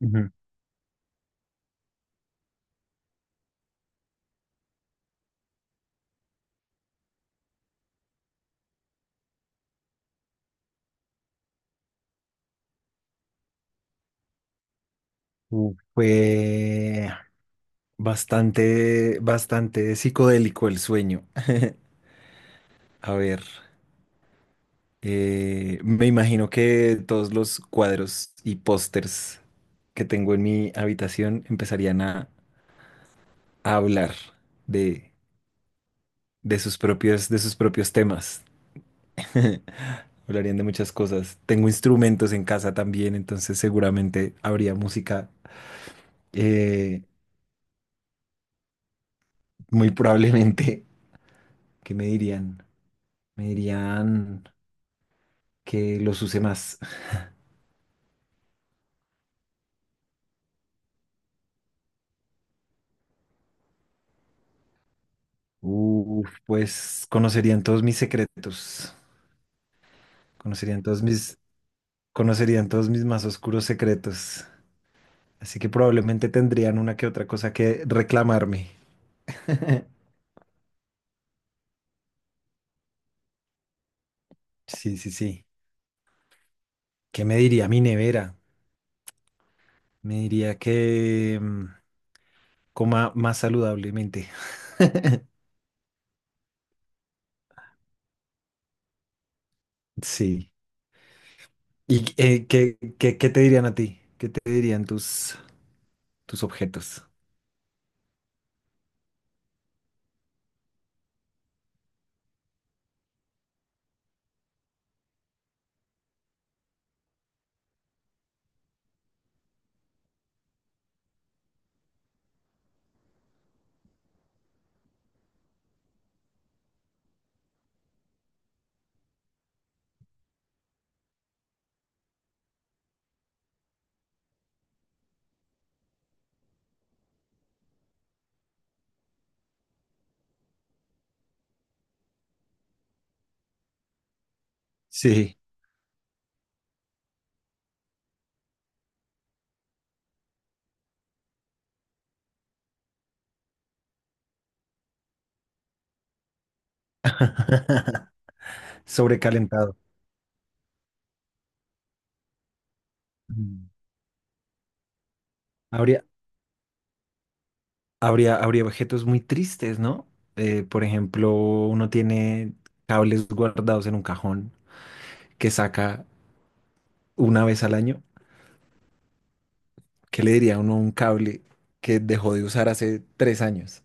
Ujú. Fue bastante psicodélico el sueño. A ver, me imagino que todos los cuadros y pósters que tengo en mi habitación empezarían a hablar de, de sus de sus propios temas. Hablarían de muchas cosas. Tengo instrumentos en casa también, entonces seguramente habría música, eh, muy probablemente, que me dirían. Me dirían que los use más. Uf, pues conocerían todos mis secretos, conocerían todos mis, conocerían todos mis más oscuros secretos. Así que probablemente tendrían una que otra cosa que reclamarme. Sí, sí, sí. ¿Qué me diría mi nevera? Me diría que coma más saludablemente. Sí. ¿Y qué te dirían a ti? ¿Qué te dirían tus objetos? Sí. Sobrecalentado. Mm. Habría, habría objetos muy tristes, ¿no? Por ejemplo, uno tiene cables guardados en un cajón que saca una vez al año. ¿Qué le diría uno a un cable que dejó de usar hace 3 años?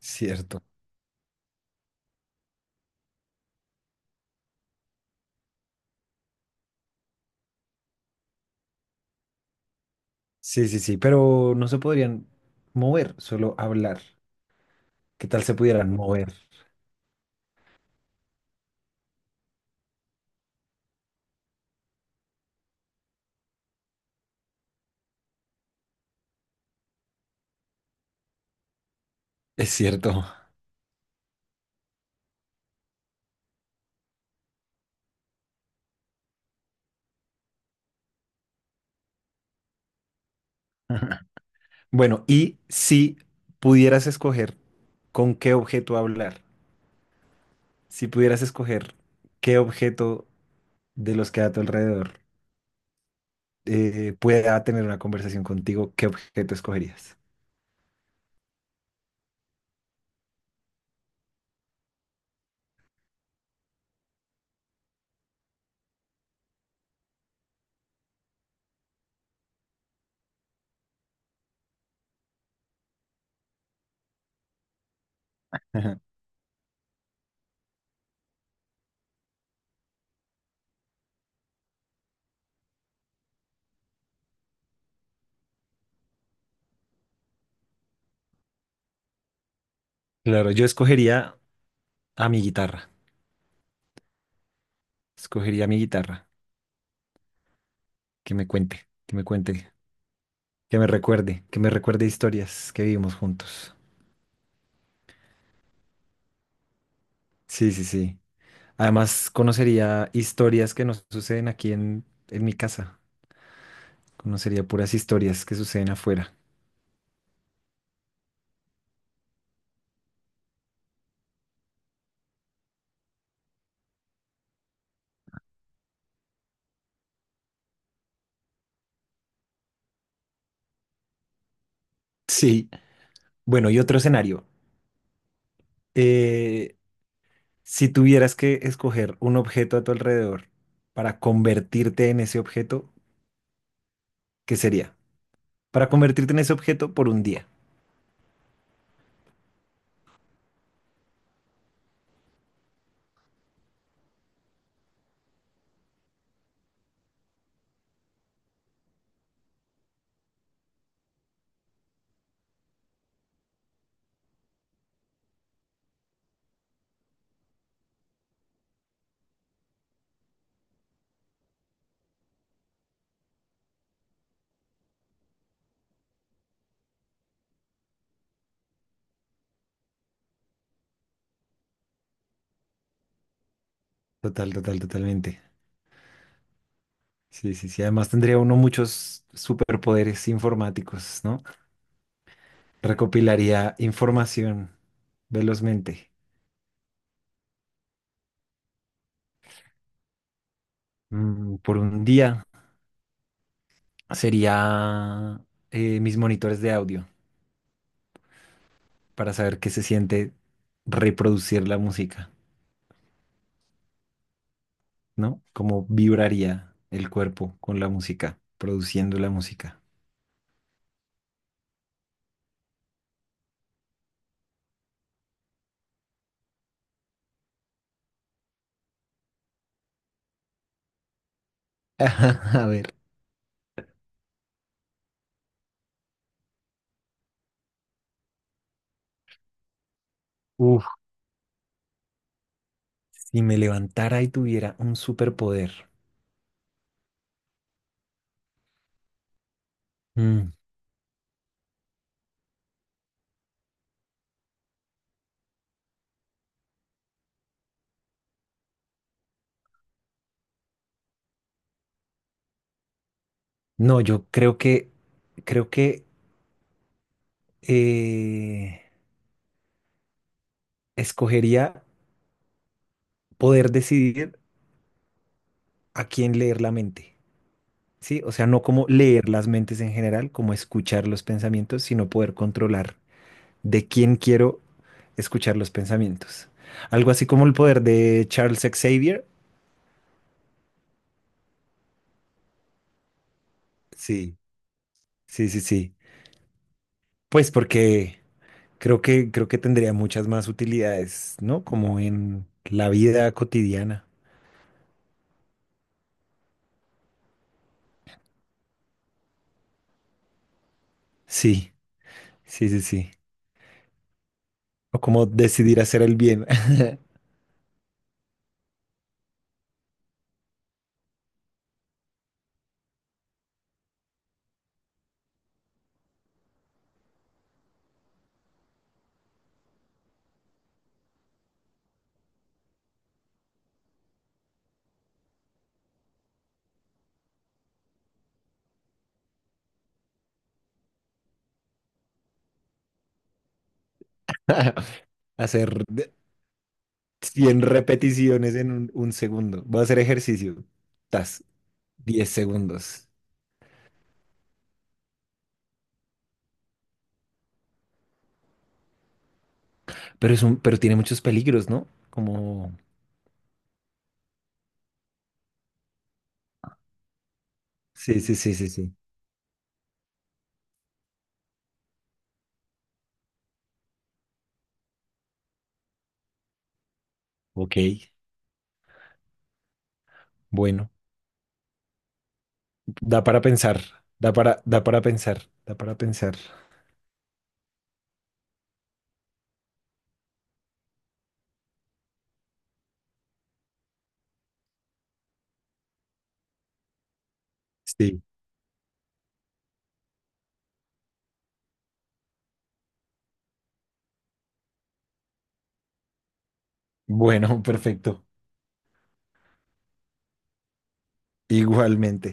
Cierto. Sí, sí, sí, pero no se podrían mover, solo hablar. ¿Qué tal se pudieran mover? Es cierto. Bueno, y si pudieras escoger con qué objeto hablar, si pudieras escoger qué objeto de los que hay a tu alrededor, pueda tener una conversación contigo, ¿qué objeto escogerías? Ajá. Claro, yo escogería a mi guitarra. Escogería a mi guitarra. Que me cuente, que me recuerde historias que vivimos juntos. Sí, sí, sí. Además, conocería historias que nos suceden en mi casa. Conocería puras historias que suceden afuera. Sí. Bueno, y otro escenario. Eh, si tuvieras que escoger un objeto a tu alrededor para convertirte en ese objeto, ¿qué sería para convertirte en ese objeto por un día? Total, totalmente. Sí, sí, sí. Además tendría uno muchos superpoderes informáticos, ¿no? Recopilaría información velozmente. Mm, por un día sería, mis monitores de audio para saber qué se siente reproducir la música, ¿no? Cómo vibraría el cuerpo con la música, produciendo la música. A ver. Uf, si me levantara y tuviera un superpoder. Mm. No, yo creo que creo que eh, escogería poder decidir a quién leer la mente, ¿sí? O sea, no como leer las mentes en general, como escuchar los pensamientos, sino poder controlar de quién quiero escuchar los pensamientos. Algo así como el poder de Charles Xavier. Sí, sí, sí, sí. Pues porque creo que tendría muchas más utilidades, ¿no? Como en la vida cotidiana. Sí, sí, sí, sí. O como decidir hacer el bien. Hacer de- 100 repeticiones en un segundo. Voy a hacer ejercicio. Tas, 10 segundos. Pero pero tiene muchos peligros, ¿no? Como... Sí, sí, sí, sí, sí. Ok, bueno. Da para pensar. Da da para pensar. Da para pensar. Sí. Bueno, perfecto. Igualmente.